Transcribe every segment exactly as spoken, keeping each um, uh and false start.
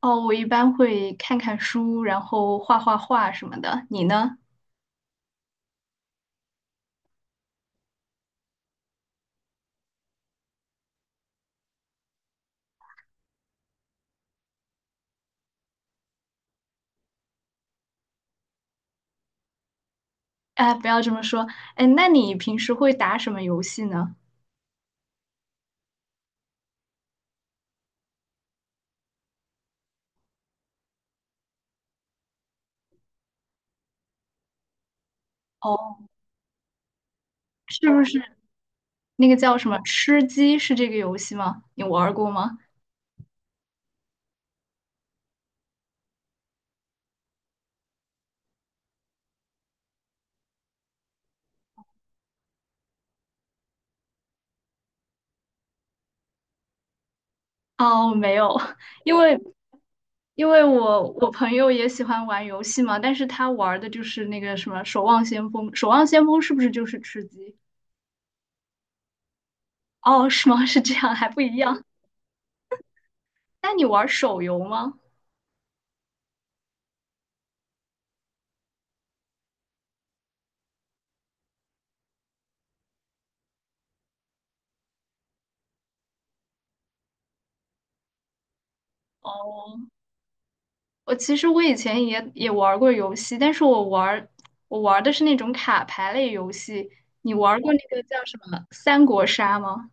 哦，我一般会看看书，然后画画画什么的。你呢？哎，不要这么说。哎，那你平时会打什么游戏呢？哦，是不是那个叫什么吃鸡？是这个游戏吗？你玩儿过吗？哦，没有，因为因为我我朋友也喜欢玩游戏嘛，但是他玩儿的就是那个什么《守望先锋》。《守望先锋》是不是就是吃鸡？哦，是吗？是这样，还不一样。那你玩儿手游吗？哦。我其实我以前也也玩过游戏，但是我玩儿我玩儿的是那种卡牌类游戏。你玩儿过那个叫什么《三国杀》吗？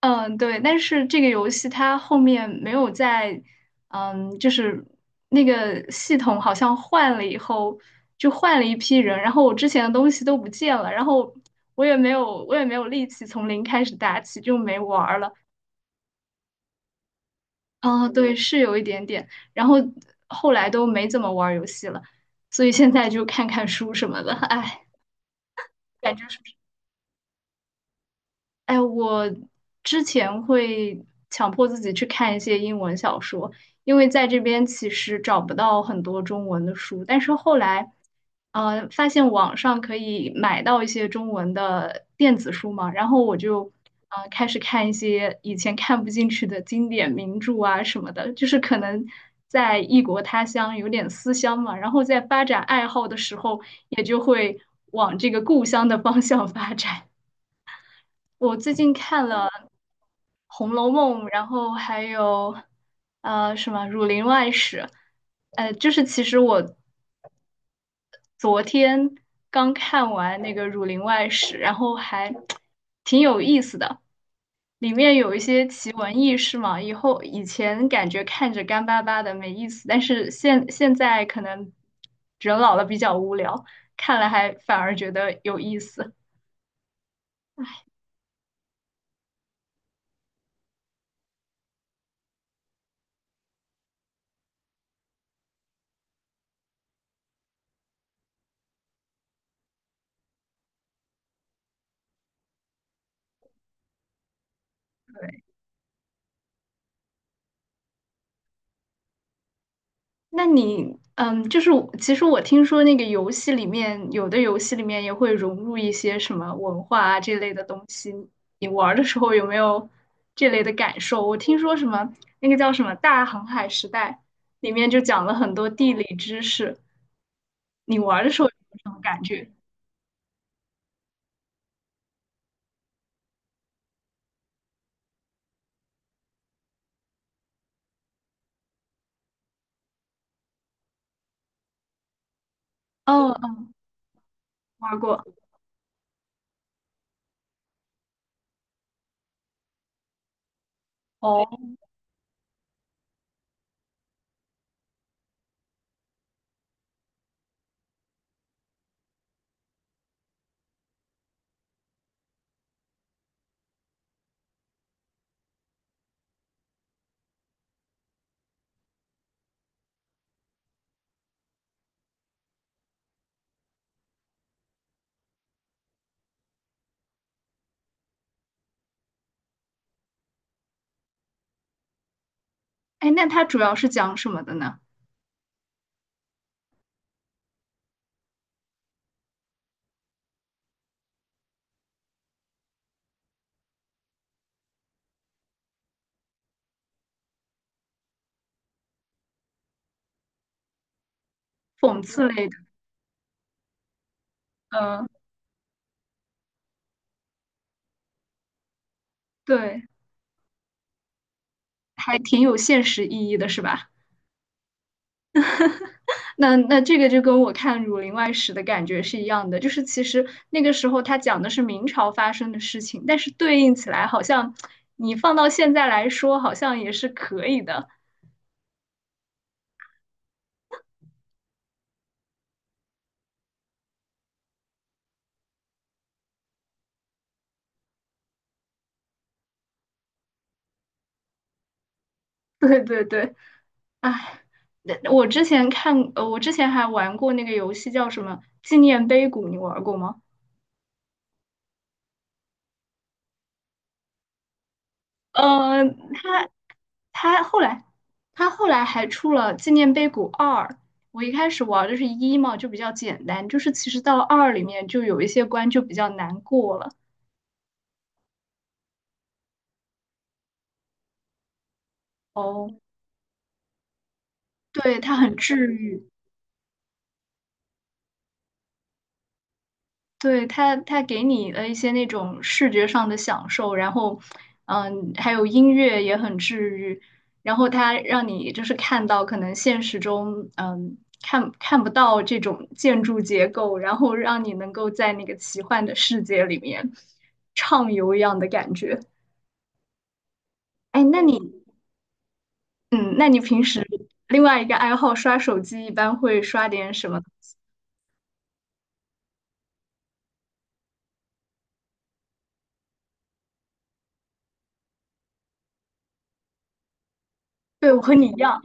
嗯，对。但是这个游戏它后面没有在，嗯，就是那个系统好像换了以后，就换了一批人，然后我之前的东西都不见了，然后我也没有我也没有力气从零开始打起，就没玩儿了。啊，对，是有一点点，然后后来都没怎么玩儿游戏了，所以现在就看看书什么的，哎，感觉是哎，我之前会强迫自己去看一些英文小说，因为在这边其实找不到很多中文的书。但是后来，呃，发现网上可以买到一些中文的电子书嘛，然后我就呃开始看一些以前看不进去的经典名著啊什么的，就是可能在异国他乡有点思乡嘛，然后在发展爱好的时候，也就会往这个故乡的方向发展。我最近看了。《红楼梦》，然后还有呃什么《儒林外史》，呃，就是其实我昨天刚看完那个《儒林外史》，然后还挺有意思的，里面有一些奇闻异事嘛。以后以前感觉看着干巴巴的没意思，但是现现在可能人老了比较无聊，看了还反而觉得有意思。那你，嗯，就是我其实我听说那个游戏里面，有的游戏里面也会融入一些什么文化啊这类的东西。你玩儿的时候有没有这类的感受？我听说什么那个叫什么《大航海时代》，里面就讲了很多地理知识。你玩儿的时候有没有什么感觉？哦，嗯玩过。哦，哎，那它主要是讲什么的呢？讽刺类的。嗯，对，还挺有现实意义的，是吧？那那这个就跟我看《儒林外史》的感觉是一样的，就是其实那个时候他讲的是明朝发生的事情，但是对应起来好像你放到现在来说，好像也是可以的。对对对，哎，那我之前看，呃，我之前还玩过那个游戏叫什么《纪念碑谷》，你玩过吗？呃，他他后来他后来还出了《纪念碑谷二》。我一开始玩的是一嘛，就比较简单，就是其实到了二里面就有一些关就比较难过了。哦，对，它很治愈。对，它它给你的一些那种视觉上的享受，然后，嗯，还有音乐也很治愈，然后它让你就是看到可能现实中，嗯，看看不到这种建筑结构，然后让你能够在那个奇幻的世界里面畅游一样的感觉。哎，那你，嗯，那你平时另外一个爱好刷手机，一般会刷点什么？对，我和你一样。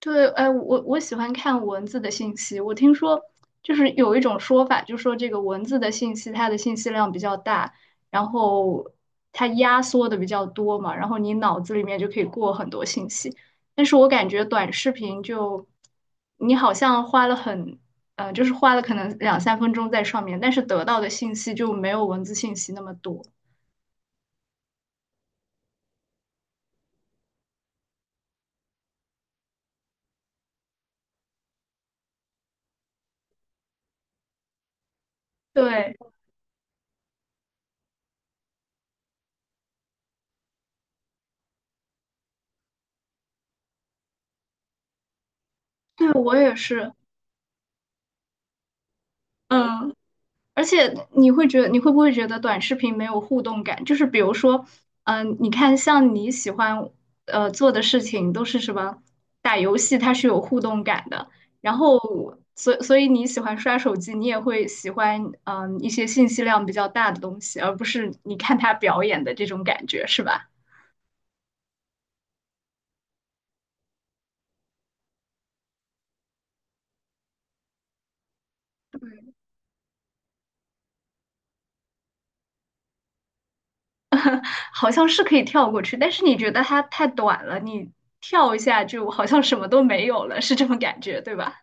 对，哎，我我喜欢看文字的信息。我听说，就是有一种说法，就说这个文字的信息，它的信息量比较大，然后它压缩的比较多嘛，然后你脑子里面就可以过很多信息。但是我感觉短视频就，你好像花了很，呃，就是花了可能两三分钟在上面，但是得到的信息就没有文字信息那么多。对，对，我也是，嗯。而且你会觉得，你会不会觉得短视频没有互动感？就是比如说，嗯、你看像你喜欢呃做的事情都是什么打游戏，它是有互动感的。然后，所所以你喜欢刷手机，你也会喜欢嗯、呃一些信息量比较大的东西，而不是你看他表演的这种感觉，是吧？好像是可以跳过去，但是你觉得它太短了，你跳一下就好像什么都没有了，是这种感觉，对吧？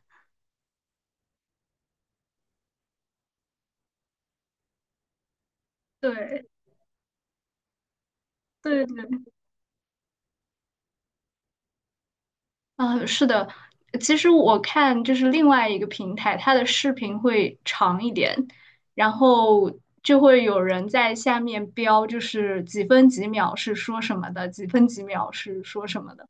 对对对嗯，是的，其实我看就是另外一个平台，它的视频会长一点，然后就会有人在下面标，就是几分几秒是说什么的，几分几秒是说什么的，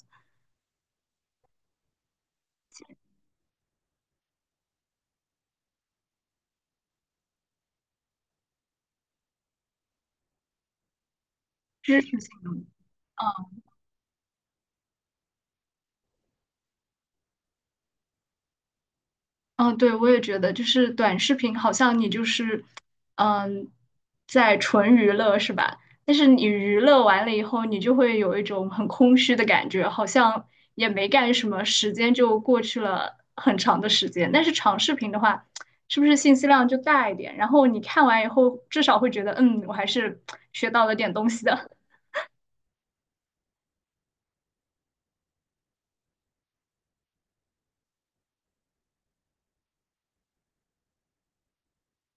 知识性的。嗯嗯，对，我也觉得，就是短视频好像你就是，嗯，在纯娱乐是吧？但是你娱乐完了以后，你就会有一种很空虚的感觉，好像也没干什么，时间就过去了很长的时间。但是长视频的话，是不是信息量就大一点？然后你看完以后，至少会觉得，嗯，我还是学到了点东西的。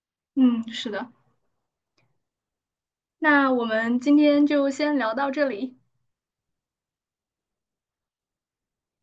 嗯，是的。那我们今天就先聊到这里。